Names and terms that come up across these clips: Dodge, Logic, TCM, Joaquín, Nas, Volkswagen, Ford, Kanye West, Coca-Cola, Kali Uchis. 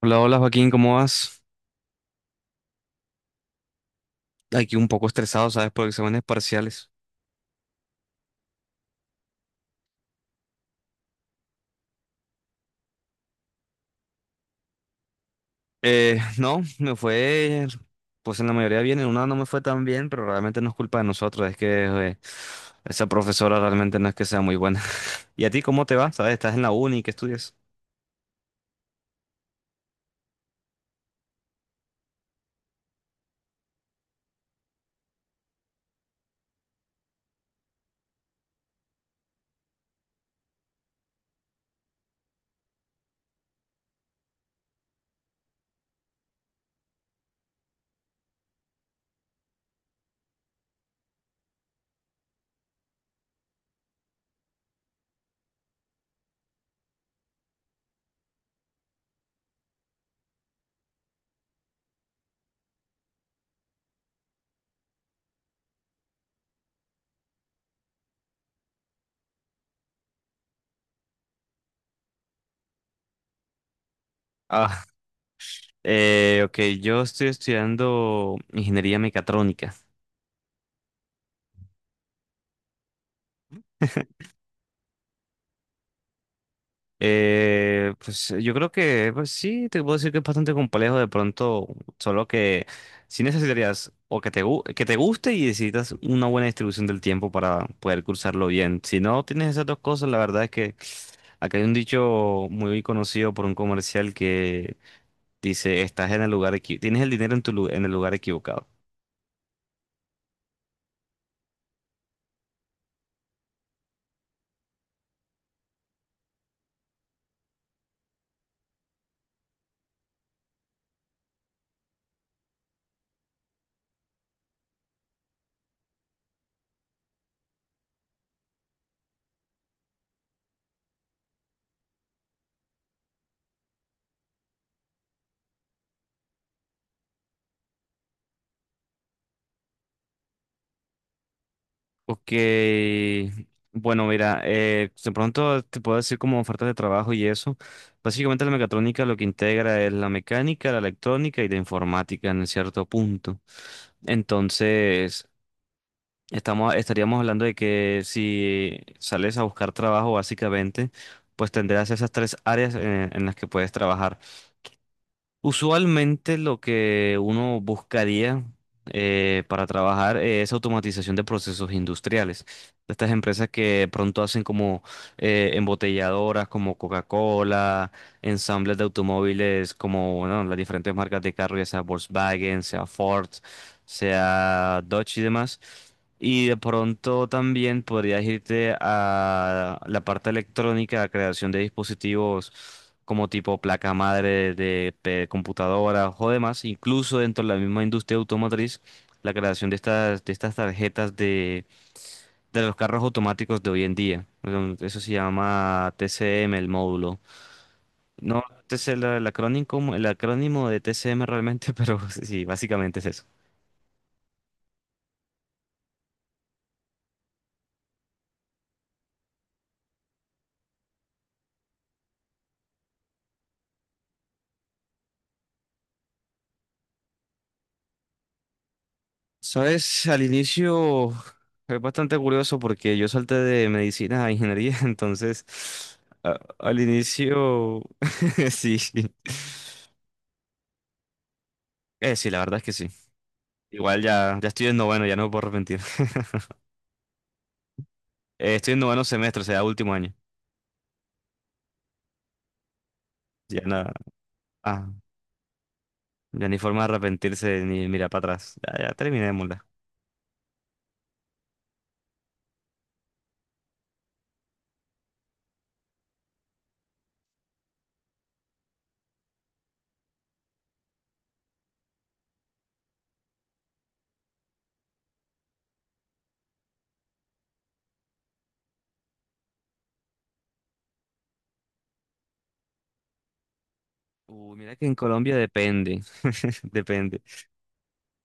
Hola, hola Joaquín, ¿cómo vas? Aquí un poco estresado, ¿sabes? Por exámenes parciales. No, me pues en la mayoría bien, en una no me fue tan bien, pero realmente no es culpa de nosotros, es que esa profesora realmente no es que sea muy buena. ¿Y a ti cómo te va? ¿Sabes? ¿Estás en la uni? ¿Qué estudias? Ah, ok, yo estoy estudiando ingeniería mecatrónica. Pues yo creo que pues sí, te puedo decir que es bastante complejo de pronto, solo que si necesitarías o que que te guste y necesitas una buena distribución del tiempo para poder cursarlo bien. Si no tienes esas dos cosas, la verdad es que acá hay un dicho muy conocido por un comercial que dice, estás en el lugar tienes el dinero en en el lugar equivocado. Ok, bueno, mira, de pronto te puedo decir como ofertas de trabajo y eso. Básicamente la mecatrónica lo que integra es la mecánica, la electrónica y la informática en cierto punto. Entonces, estaríamos hablando de que si sales a buscar trabajo, básicamente, pues tendrás esas tres áreas en las que puedes trabajar. Usualmente lo que uno buscaría para trabajar es automatización de procesos industriales. Estas empresas que pronto hacen como embotelladoras como Coca-Cola, ensambles de automóviles como bueno, las diferentes marcas de carro, ya sea Volkswagen, sea Ford, sea Dodge y demás. Y de pronto también podrías irte a la parte electrónica, la creación de dispositivos como tipo placa madre computadoras o demás, incluso dentro de la misma industria automotriz, la creación de de estas tarjetas de los carros automáticos de hoy en día. Eso se llama TCM, el módulo. No, este es el acrónimo de TCM realmente, pero sí, básicamente es eso. Sabes, al inicio es bastante curioso porque yo salté de medicina a ingeniería, entonces al inicio. Sí, sí. Sí, la verdad es que sí. Igual ya estoy en noveno, ya no me puedo arrepentir. Estoy en noveno semestre, o sea, último año. Ya nada, ah, ya ni forma de arrepentirse ni mirar para atrás. Ya, ya terminémosla. Uy, mira que en Colombia depende, depende.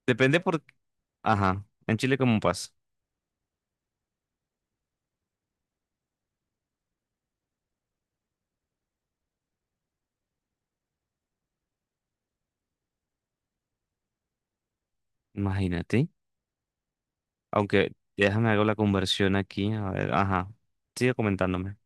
Depende por... Ajá, en Chile cómo pasa. Imagínate. Aunque déjame hago la conversión aquí. A ver, ajá. Sigue comentándome.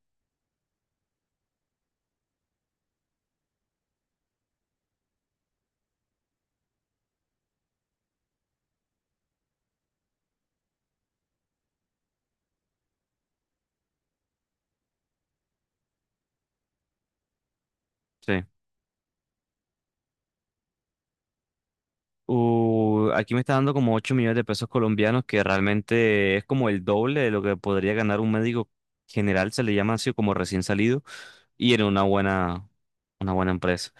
Sí. Aquí me está dando como 8 millones de pesos colombianos, que realmente es como el doble de lo que podría ganar un médico general, se le llama así como recién salido, y en una una buena empresa.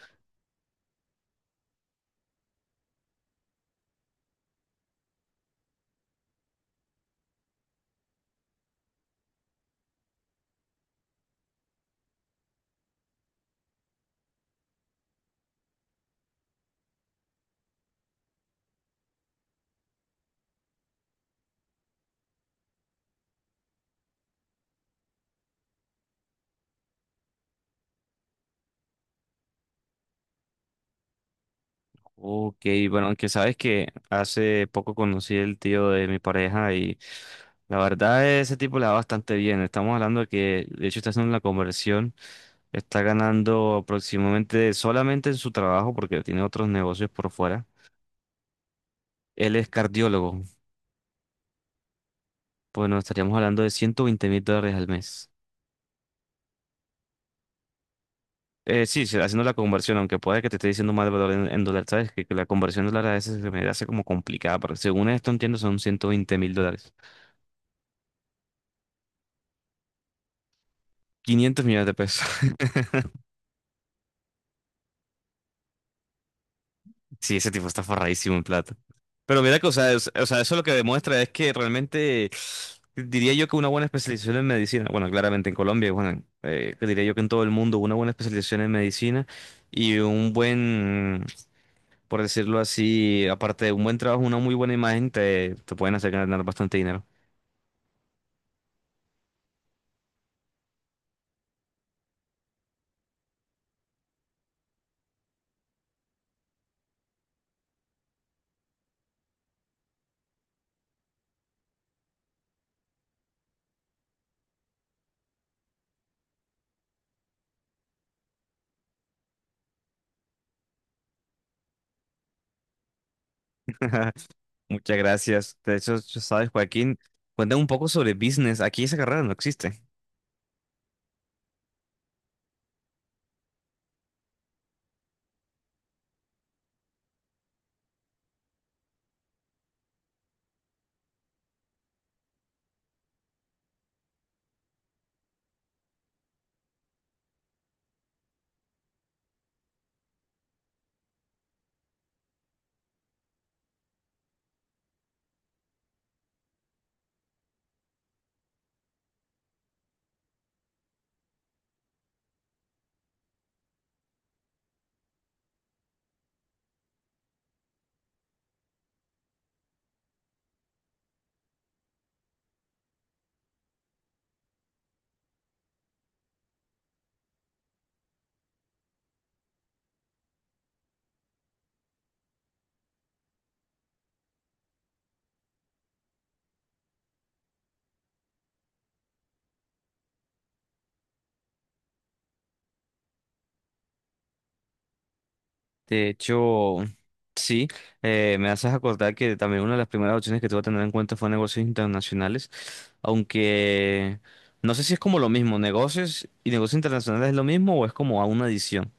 Ok, bueno, aunque sabes que hace poco conocí el tío de mi pareja y la verdad ese tipo le va bastante bien. Estamos hablando de que, de hecho, está haciendo la conversión, está ganando aproximadamente solamente en su trabajo porque tiene otros negocios por fuera. Él es cardiólogo, bueno, estaríamos hablando de 120.000 dólares al mes. Sí, sí, haciendo la conversión, aunque puede que te esté diciendo mal valor en dólar, sabes que la conversión de dólar a veces se me hace como complicada, pero según esto entiendo son 120.000 dólares. 500 millones de pesos. Sí, ese tipo está forradísimo en plata. Pero mira que, o sea, o sea, eso lo que demuestra es que realmente diría yo que una buena especialización en medicina, bueno, claramente en Colombia, bueno, que diría yo que en todo el mundo, una buena especialización en medicina y un buen, por decirlo así, aparte de un buen trabajo, una muy buena imagen, te pueden hacer ganar bastante dinero. Muchas gracias. De hecho, ya sabes, Joaquín, cuéntame un poco sobre business. Aquí esa carrera no existe. De hecho, sí, me haces acordar que también una de las primeras opciones que tuve a tener en cuenta fue negocios internacionales, aunque no sé si es como lo mismo, negocios y negocios internacionales es lo mismo o es como a una adición.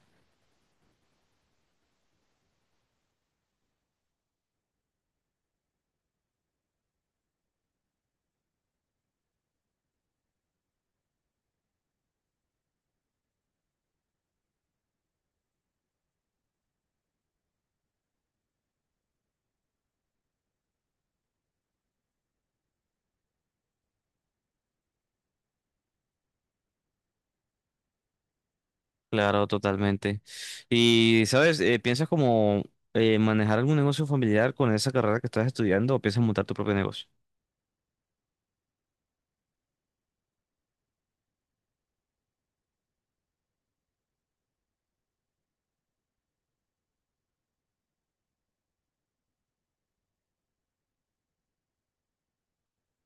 Claro, totalmente. Y, ¿sabes? ¿Piensas como manejar algún negocio familiar con esa carrera que estás estudiando o piensas montar tu propio negocio?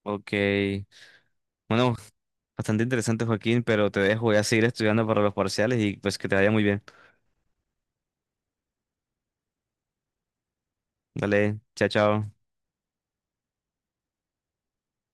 Ok, bueno, bastante interesante, Joaquín, pero te dejo, voy a seguir estudiando para los parciales y pues que te vaya muy bien. Dale, chao, chao.